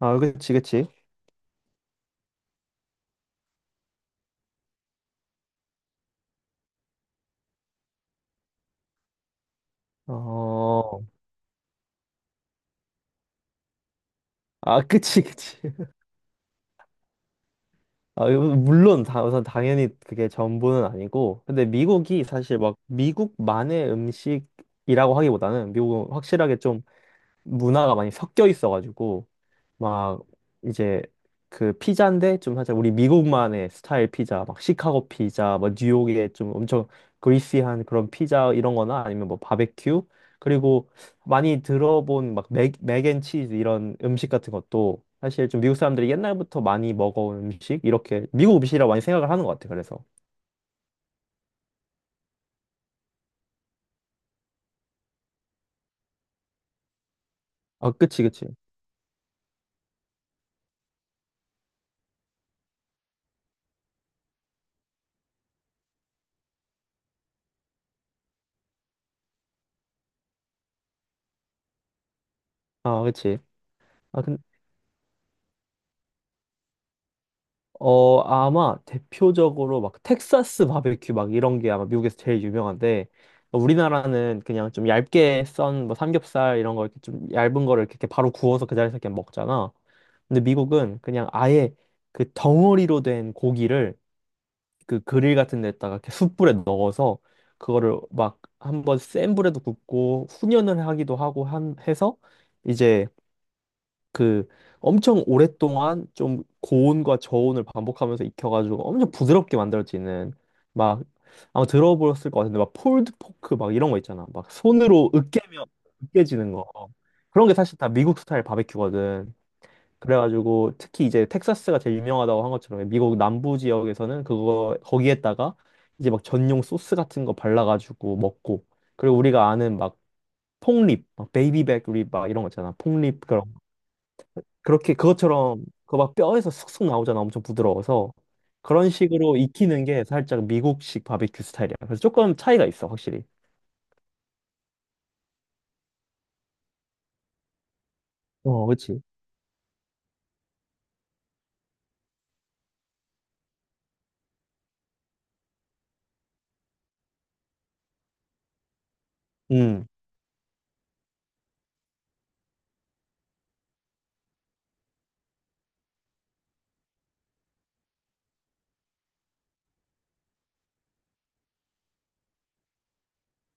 아, 그치, 그치. 어, 아, 그치, 그치. 아, 이거 물론, 우선 당연히 그게 전부는 아니고. 근데 미국이 사실 막 미국만의 음식이라고 하기보다는 미국은 확실하게 좀 문화가 많이 섞여 있어가지고. 막 이제 그 피자인데 좀 살짝 우리 미국만의 스타일 피자, 막 시카고 피자, 뭐 뉴욕의 좀 엄청 그리시한 그런 피자 이런 거나 아니면 뭐 바베큐 그리고 많이 들어본 막 맥앤치즈 이런 음식 같은 것도 사실 좀 미국 사람들이 옛날부터 많이 먹어온 음식 이렇게 미국 음식이라고 많이 생각을 하는 것 같아. 그래서 아 그치 그치 아 그치 아, 근 아마 대표적으로 막 텍사스 바베큐 막 이런 게 아마 미국에서 제일 유명한데 어, 우리나라는 그냥 좀 얇게 썬뭐 삼겹살 이런 거 이렇게 좀 얇은 거를 이렇게 바로 구워서 그 자리에서 그냥 먹잖아. 근데 미국은 그냥 아예 그 덩어리로 된 고기를 그 그릴 같은 데다가 이렇게 숯불에 넣어서 그거를 막 한번 센 불에도 굽고 훈연을 하기도 하고 한 해서 이제 그 엄청 오랫동안 좀 고온과 저온을 반복하면서 익혀가지고 엄청 부드럽게 만들어지는 막 아마 들어보셨을 것 같은데 막 폴드 포크 막 이런 거 있잖아. 막 손으로 으깨면 으깨지는 거. 그런 게 사실 다 미국 스타일 바베큐거든. 그래가지고 특히 이제 텍사스가 제일 유명하다고 한 것처럼 미국 남부 지역에서는 그거 거기에다가 이제 막 전용 소스 같은 거 발라가지고 먹고 그리고 우리가 아는 막 폭립, 막 베이비백 립 막 이런 거 있잖아. 폭립 그런 그렇게 그것처럼 그 막 뼈에서 쑥쑥 나오잖아. 엄청 부드러워서 그런 식으로 익히는 게 살짝 미국식 바베큐 스타일이야. 그래서 조금 차이가 있어, 확실히. 어, 그치. 음.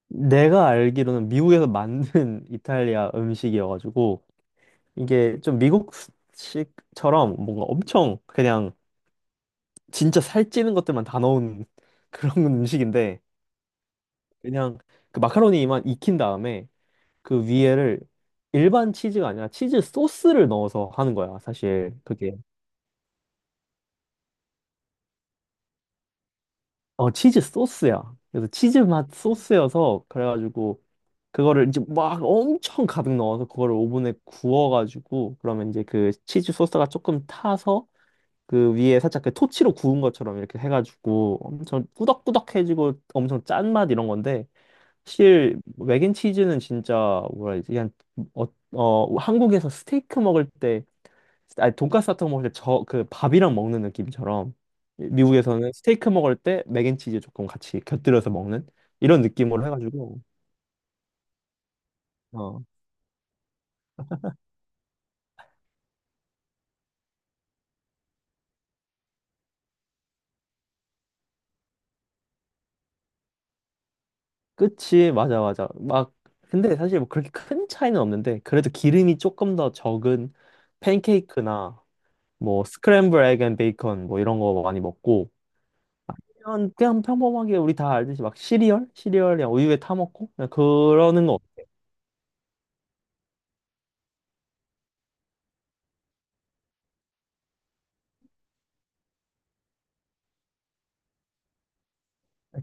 내가 알기로는 미국에서 만든 이탈리아 음식이어가지고 이게 좀 미국식처럼 뭔가 엄청 그냥 진짜 살찌는 것들만 다 넣은 그런 음식인데 그냥 그 마카로니만 익힌 다음에 그 위에를 일반 치즈가 아니라 치즈 소스를 넣어서 하는 거야, 사실. 그게 어, 치즈 소스야. 그래서 치즈 맛 소스여서, 그래가지고, 그거를 이제 막 엄청 가득 넣어서, 그거를 오븐에 구워가지고, 그러면 이제 그 치즈 소스가 조금 타서, 그 위에 살짝 그 토치로 구운 것처럼 이렇게 해가지고, 엄청 꾸덕꾸덕해지고, 엄청 짠 맛 이런 건데, 사실, 뭐 맥앤치즈는 진짜, 뭐라 해야 되지? 그냥, 어, 한국에서 스테이크 먹을 때, 아니 돈까스 같은 거 먹을 때 저 그 밥이랑 먹는 느낌처럼 미국에서는 스테이크 먹을 때 맥앤치즈 조금 같이 곁들여서 먹는 이런 느낌으로 해가지고 어 그치 맞아 맞아 막 근데 사실 뭐 그렇게 큰 차이는 없는데 그래도 기름이 조금 더 적은 팬케이크나 뭐 스크램블 에그 앤 베이컨 뭐 이런 거 많이 먹고 그냥 평범하게 우리 다 알듯이 막 시리얼 그냥 우유에 타 먹고 그냥 그러는 거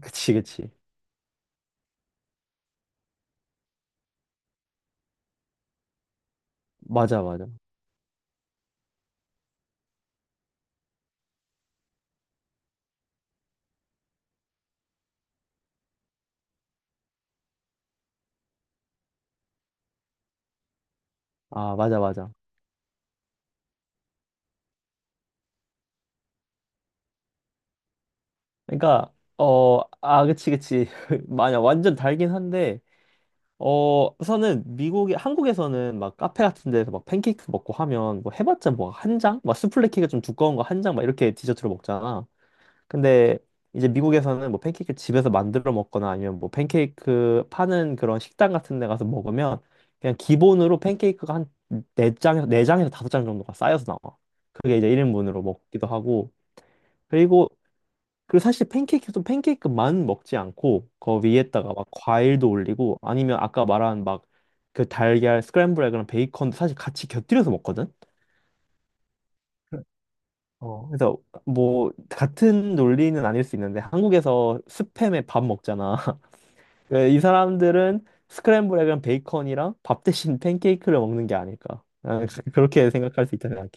그치 그치 맞아 맞아 아 맞아 맞아 그러니까 어, 아, 그치, 그치. 만약 완전 달긴 한데, 어, 우선은 미국에, 한국에서는 막 카페 같은 데서 막 팬케이크 먹고 하면 뭐 해봤자 뭐 한 장? 막 수플레 케이크가 좀 두꺼운 거 한 장 막 이렇게 디저트로 먹잖아. 근데 이제 미국에서는 뭐 팬케이크 집에서 만들어 먹거나 아니면 뭐 팬케이크 파는 그런 식당 같은 데 가서 먹으면 그냥 기본으로 팬케이크가 한 네장에서네장에서 다섯 장 정도가 쌓여서 나와. 그게 이제 1인분으로 먹기도 하고, 그리고 그리고 사실 팬케이크도 팬케이크만 먹지 않고 그 위에다가 막 과일도 올리고 아니면 아까 말한 막 그 달걀 스크램블 에그랑 베이컨도 사실 같이 곁들여서 먹거든. 어, 그래서 뭐 같은 논리는 아닐 수 있는데 한국에서 스팸에 밥 먹잖아. 그이 사람들은 스크램블 에그랑 베이컨이랑 밥 대신 팬케이크를 먹는 게 아닐까. 아, 그렇게 생각할 수 있다 생각해.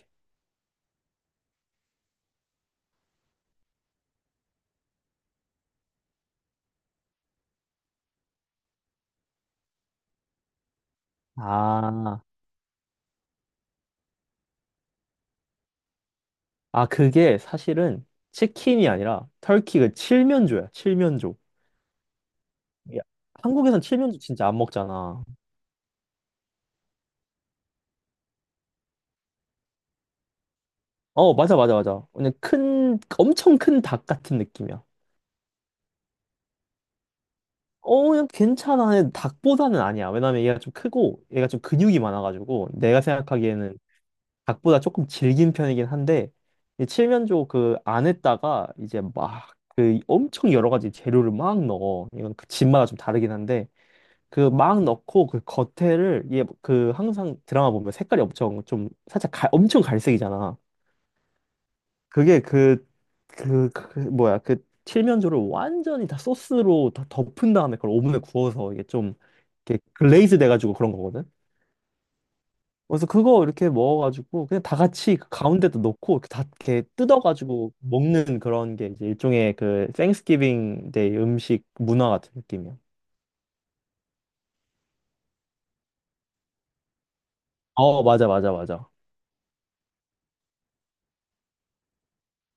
아, 아, 그게 사실은 치킨이 아니라 터키 그 칠면조야. 칠면조. 야, 한국에선 칠면조 진짜 안 먹잖아. 어, 맞아, 맞아, 맞아. 그냥 큰, 엄청 큰 닭 같은 느낌이야. 어, 그냥 괜찮아. 근데 닭보다는 아니야. 왜냐면 얘가 좀 크고, 얘가 좀 근육이 많아가지고, 내가 생각하기에는 닭보다 조금 질긴 편이긴 한데, 이 칠면조 그 안에다가 이제 막 그 엄청 여러 가지 재료를 막 넣어. 이건 그 집마다 좀 다르긴 한데, 그 막 넣고 그 겉에를 얘 그 항상 드라마 보면 색깔이 엄청 좀 살짝 갈- 엄청 갈색이잖아. 그게 그 뭐야 그 칠면조를 완전히 다 소스로 다 덮은 다음에 그걸 오븐에 구워서 이게 좀 이렇게 글레이즈 돼가지고 그런 거거든. 그래서 그거 이렇게 먹어가지고 그냥 다 같이 그 가운데도 넣고 이렇게 다 이렇게 뜯어가지고 먹는 그런 게 이제 일종의 그 땡스기빙 데이 음식 문화 같은 느낌이야. 어 맞아 맞아 맞아.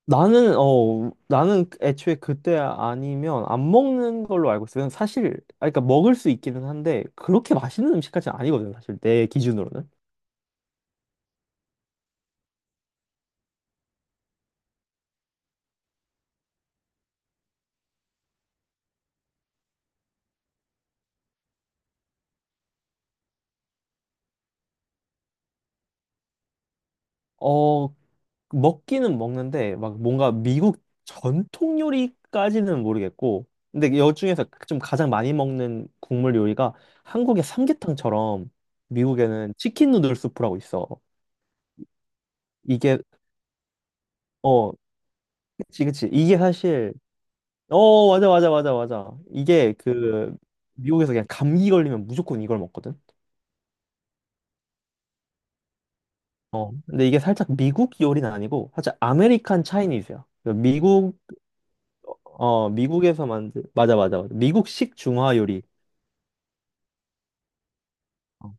나는 애초에 그때 아니면 안 먹는 걸로 알고 있어요. 사실 아 그러니까 먹을 수 있기는 한데 그렇게 맛있는 음식까지는 아니거든요. 사실 내 기준으로는 어 먹기는 먹는데 막 뭔가 미국 전통 요리까지는 모르겠고 근데 여 중에서 좀 가장 많이 먹는 국물 요리가 한국의 삼계탕처럼 미국에는 치킨 누들 수프라고 있어. 이게 어 그치 그치 이게 사실 어, 맞아, 맞아, 맞아, 맞아. 이게 그 미국에서 그냥 감기 걸리면 무조건 이걸 먹거든. 어. 근데 이게 살짝 미국 요리는 아니고 살짝 아메리칸 차이니즈야. 그 미국 어 미국에서 만든 맞아, 맞아, 맞아. 미국식 중화 요리. 어.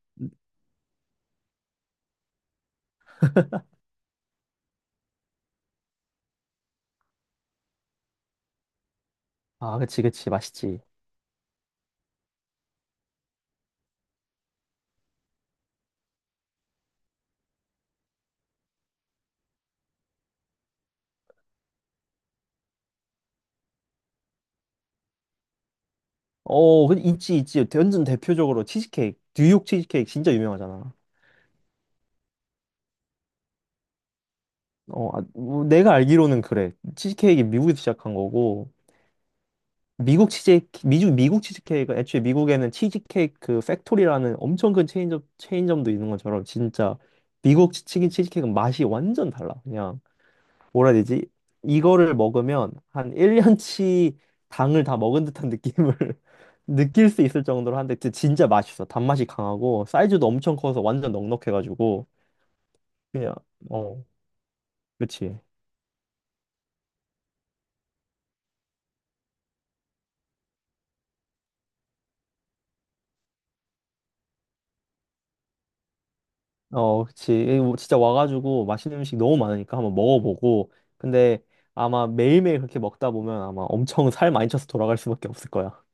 아, 그치, 그치, 맛있지. 어, 그 있지, 있지. 완전 대표적으로 치즈케이크, 뉴욕 치즈케이크 진짜 유명하잖아. 어, 아, 뭐 내가 알기로는 그래. 치즈케이크 미국에서 시작한 거고. 미국 치즈케이크가 애초에 미국에는 치즈케이크 그 팩토리라는 엄청 큰 체인점도 있는 것처럼 진짜 미국 치킨 치즈케이크는 맛이 완전 달라. 그냥 뭐라 해야 되지? 이거를 먹으면 한 1년치 당을 다 먹은 듯한 느낌을 느낄 수 있을 정도로 한데 진짜 맛있어. 단맛이 강하고 사이즈도 엄청 커서 완전 넉넉해가지고 그냥 어 그치. 어, 그치. 이 뭐 진짜 와가지고 맛있는 음식 너무 많으니까 한번 먹어보고. 근데 아마 매일매일 그렇게 먹다 보면 아마 엄청 살 많이 쪄서 돌아갈 수밖에 없을 거야.